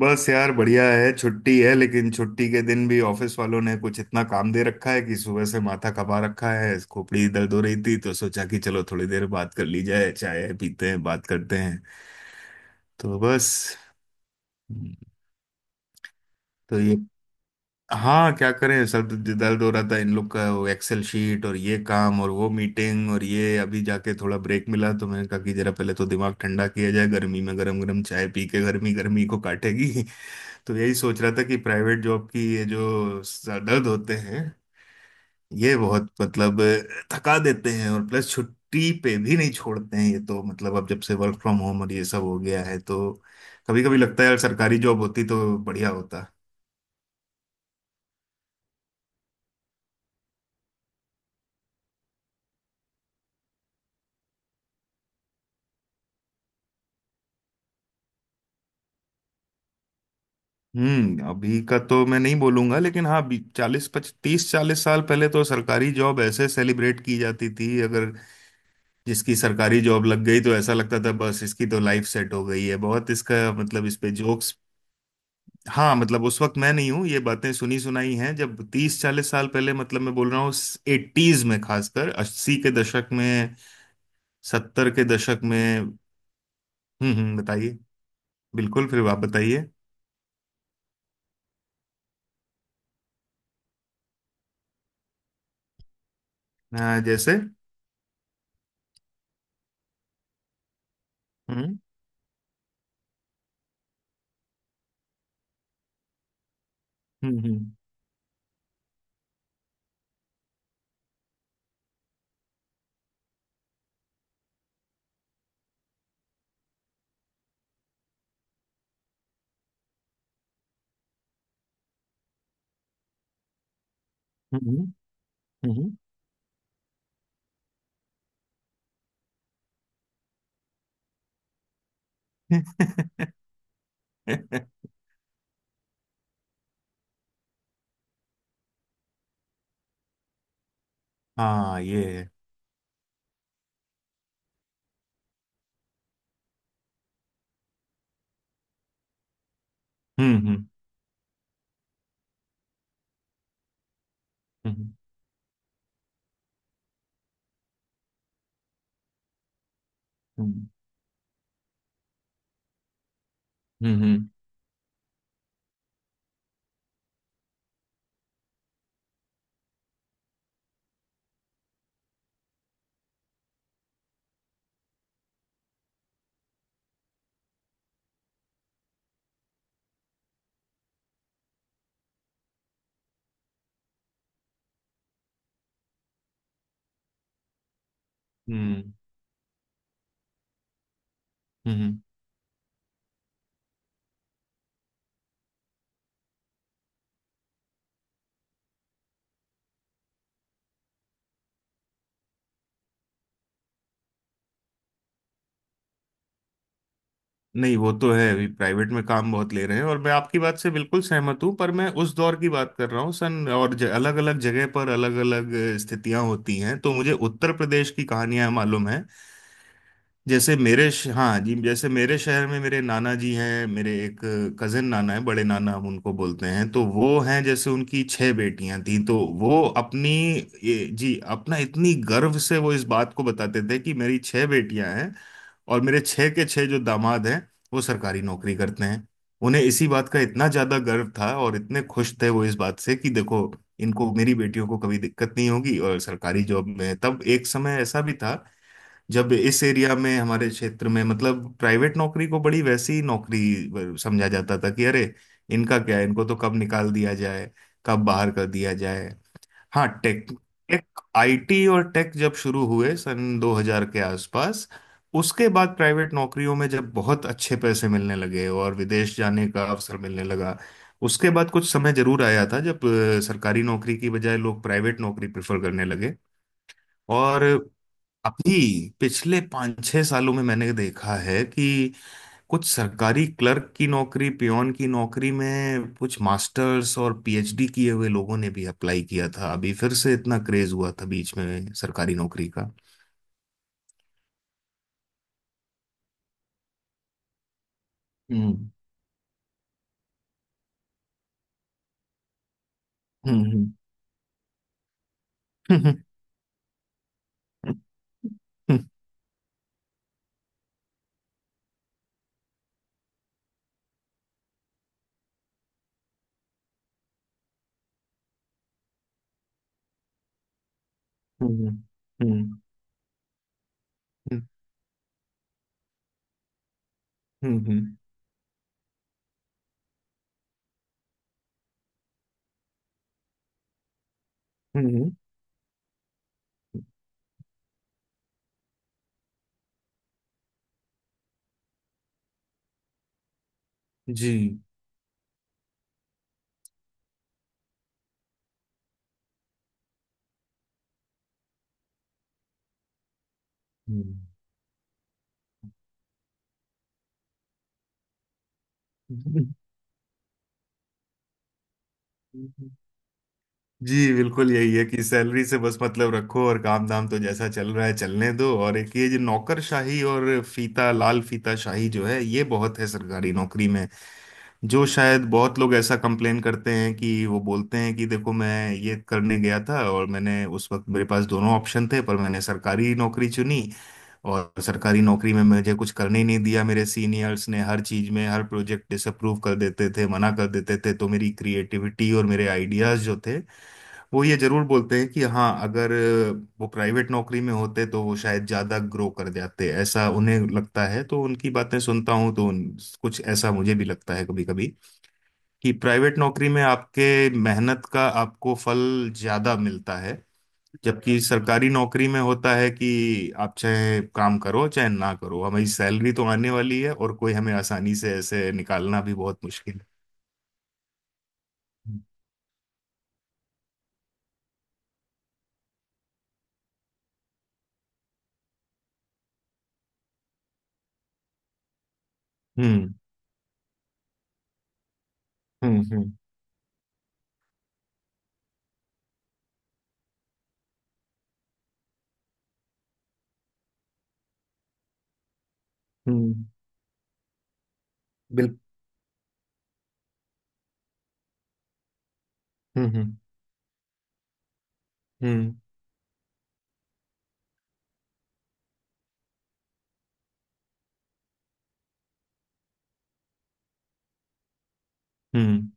बस यार, बढ़िया है। छुट्टी है, लेकिन छुट्टी के दिन भी ऑफिस वालों ने कुछ इतना काम दे रखा है कि सुबह से माथा खपा रखा है। खोपड़ी दर्द हो रही थी तो सोचा कि चलो थोड़ी देर बात कर ली जाए, चाय पीते हैं, बात करते हैं। तो बस, तो ये, हाँ क्या करें सब। दर्द हो रहा था, इन लोग का वो एक्सेल शीट और ये काम और वो मीटिंग, और ये अभी जाके थोड़ा ब्रेक मिला तो मैंने कहा कि जरा पहले तो दिमाग ठंडा किया जाए। गर्मी में गरम गरम चाय पी के गर्मी गर्मी को काटेगी। तो यही सोच रहा था कि प्राइवेट जॉब की ये जो सर दर्द होते हैं, ये बहुत, मतलब, थका देते हैं। और प्लस छुट्टी पे भी नहीं छोड़ते हैं ये, तो मतलब अब जब से वर्क फ्रॉम होम और ये सब हो गया है तो कभी कभी लगता है यार सरकारी जॉब होती तो बढ़िया होता। हम्म। अभी का तो मैं नहीं बोलूंगा, लेकिन हाँ, चालीस पच तीस चालीस साल पहले तो सरकारी जॉब ऐसे सेलिब्रेट की जाती थी। अगर जिसकी सरकारी जॉब लग गई तो ऐसा लगता था बस इसकी तो लाइफ सेट हो गई है, बहुत इसका मतलब इस पे जोक्स। हाँ मतलब उस वक्त मैं नहीं हूँ, ये बातें सुनी सुनाई हैं, जब 30-40 साल पहले, मतलब मैं बोल रहा हूँ एटीज में, खासकर अस्सी के दशक में, सत्तर के दशक में। हम्म, बताइए। बिल्कुल, फिर आप बताइए। हाँ, जैसे। हम्म हम्म हम्म हम्म हम्म, हम्म। हाँ ये है। हम्म हम्म हम्म हम्म हम्म हम्म हम्म, हम्म। नहीं, वो तो है, अभी प्राइवेट में काम बहुत ले रहे हैं, और मैं आपकी बात से बिल्कुल सहमत हूँ, पर मैं उस दौर की बात कर रहा हूँ। अलग अलग जगह पर अलग अलग स्थितियां होती हैं, तो मुझे उत्तर प्रदेश की कहानियां मालूम है। जैसे हाँ जी, जैसे मेरे शहर में मेरे नाना जी हैं, मेरे एक कजिन नाना है, बड़े नाना हम उनको बोलते हैं। तो वो हैं, जैसे उनकी छह बेटियां थीं, तो वो अपनी जी, अपना इतनी गर्व से वो इस बात को बताते थे कि मेरी छह बेटियां हैं और मेरे छह के छह जो दामाद हैं वो सरकारी नौकरी करते हैं। उन्हें इसी बात का इतना ज्यादा गर्व था और इतने खुश थे वो इस बात से कि देखो, इनको, मेरी बेटियों को, कभी दिक्कत नहीं होगी। और सरकारी जॉब में तब एक समय ऐसा भी था जब इस एरिया में, हमारे क्षेत्र में, मतलब प्राइवेट नौकरी को बड़ी वैसी नौकरी समझा जाता था कि अरे इनका क्या है, इनको तो कब निकाल दिया जाए, कब बाहर कर दिया जाए। हाँ, टेक टेक आईटी और टेक जब शुरू हुए सन 2000 के आसपास, उसके बाद प्राइवेट नौकरियों में जब बहुत अच्छे पैसे मिलने लगे और विदेश जाने का अवसर मिलने लगा, उसके बाद कुछ समय जरूर आया था जब सरकारी नौकरी की बजाय लोग प्राइवेट नौकरी प्रेफर करने लगे। और अभी पिछले 5-6 सालों में मैंने देखा है कि कुछ सरकारी क्लर्क की नौकरी, पियोन की नौकरी में कुछ मास्टर्स और पीएचडी किए हुए लोगों ने भी अप्लाई किया था। अभी फिर से इतना क्रेज हुआ था बीच में सरकारी नौकरी का। हम्म हम्म हम्म हम्म हम्म हम्म हम्म हम्म, हम्म, हम्म, जी। हम्म, जी, बिल्कुल यही है कि सैलरी से बस मतलब रखो और काम धाम तो जैसा चल रहा है चलने दो। और एक ये जो नौकरशाही और फीता, लाल फीता शाही जो है, ये बहुत है सरकारी नौकरी में, जो शायद बहुत लोग ऐसा कंप्लेन करते हैं कि वो बोलते हैं कि देखो, मैं ये करने गया था और मैंने, उस वक्त मेरे पास दोनों ऑप्शन थे, पर मैंने सरकारी नौकरी चुनी, और सरकारी नौकरी में मुझे कुछ करने ही नहीं दिया। मेरे सीनियर्स ने हर चीज में, हर प्रोजेक्ट डिसअप्रूव कर देते थे, मना कर देते थे, तो मेरी क्रिएटिविटी और मेरे आइडियाज जो थे वो, ये जरूर बोलते हैं कि हाँ, अगर वो प्राइवेट नौकरी में होते तो वो शायद ज्यादा ग्रो कर जाते, ऐसा उन्हें लगता है। तो उनकी बातें सुनता हूँ तो कुछ ऐसा मुझे भी लगता है कभी कभी कि प्राइवेट नौकरी में आपके मेहनत का आपको फल ज्यादा मिलता है। जबकि सरकारी नौकरी में होता है कि आप चाहे काम करो चाहे ना करो हमारी सैलरी तो आने वाली है, और कोई हमें आसानी से ऐसे निकालना भी बहुत मुश्किल है। हम्म हम्म हम्म हम्म। बिल्कुल। हम्म हम्म हम्म हम्म।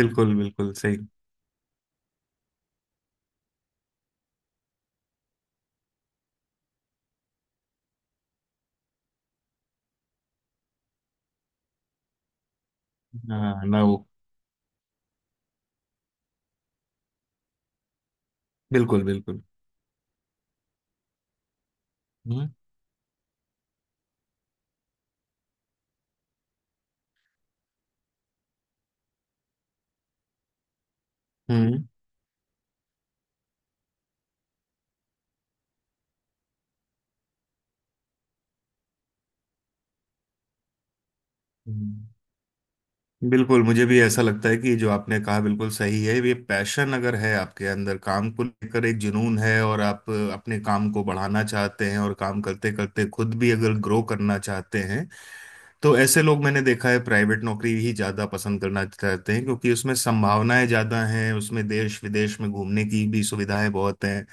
बिल्कुल बिल्कुल सही। हाँ ना वो। बिल्कुल बिल्कुल। हम्म हम्म हम्म। बिल्कुल, मुझे भी ऐसा लगता है कि जो आपने कहा बिल्कुल सही है। ये पैशन अगर है आपके अंदर, काम को लेकर एक जुनून है, और आप अपने काम को बढ़ाना चाहते हैं और काम करते करते खुद भी अगर ग्रो करना चाहते हैं, तो ऐसे लोग मैंने देखा है प्राइवेट नौकरी ही ज़्यादा पसंद करना चाहते हैं, क्योंकि उसमें संभावनाएं ज़्यादा हैं, उसमें देश विदेश में घूमने की भी सुविधाएं बहुत हैं।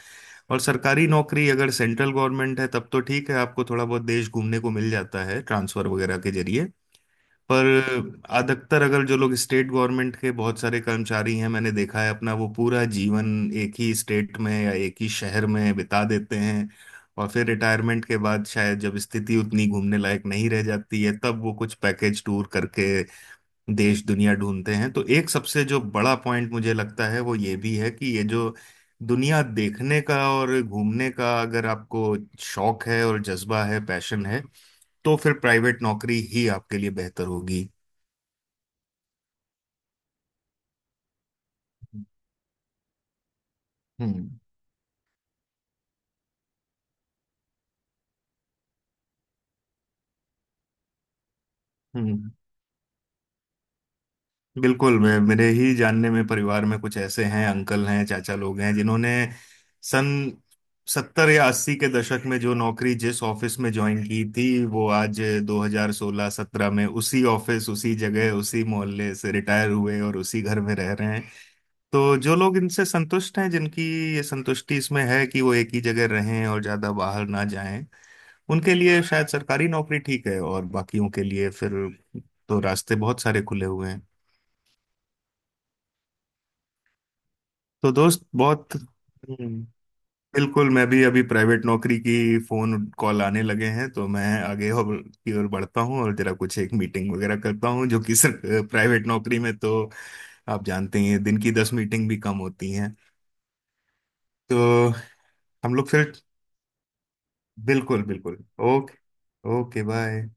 और सरकारी नौकरी अगर सेंट्रल गवर्नमेंट है तब तो ठीक है, आपको थोड़ा बहुत देश घूमने को मिल जाता है ट्रांसफर वगैरह के जरिए। पर अधिकतर, अगर जो लोग स्टेट गवर्नमेंट के बहुत सारे कर्मचारी हैं, मैंने देखा है अपना वो पूरा जीवन एक ही स्टेट में या एक ही शहर में बिता देते हैं, और फिर रिटायरमेंट के बाद शायद जब स्थिति उतनी घूमने लायक नहीं रह जाती है तब वो कुछ पैकेज टूर करके देश दुनिया ढूंढते हैं। तो एक सबसे जो बड़ा पॉइंट मुझे लगता है वो ये भी है कि ये जो दुनिया देखने का और घूमने का, अगर आपको शौक है और जज्बा है, पैशन है, तो फिर प्राइवेट नौकरी ही आपके लिए बेहतर होगी। हम्म हम्म हम्म। बिल्कुल। मैं मेरे ही जानने में, परिवार में कुछ ऐसे हैं, अंकल हैं, चाचा लोग हैं, जिन्होंने सन सत्तर या अस्सी के दशक में जो नौकरी जिस ऑफिस में ज्वाइन की थी वो आज 2016-17 में उसी ऑफिस, उसी जगह, उसी मोहल्ले से रिटायर हुए और उसी घर में रह रहे हैं। तो जो लोग इनसे संतुष्ट हैं, जिनकी ये संतुष्टि इसमें है कि वो एक ही जगह रहें और ज्यादा बाहर ना जाएं, उनके लिए शायद सरकारी नौकरी ठीक है, और बाकियों के लिए फिर तो रास्ते बहुत सारे खुले हुए हैं। तो दोस्त बहुत, बिल्कुल, मैं भी अभी प्राइवेट नौकरी की फोन कॉल आने लगे हैं, तो मैं आगे और की ओर बढ़ता हूँ और जरा कुछ एक मीटिंग वगैरह करता हूँ, जो कि सर, प्राइवेट नौकरी में तो आप जानते ही हैं दिन की 10 मीटिंग भी कम होती हैं। तो हम लोग फिर, बिल्कुल बिल्कुल। ओके। Okay bye.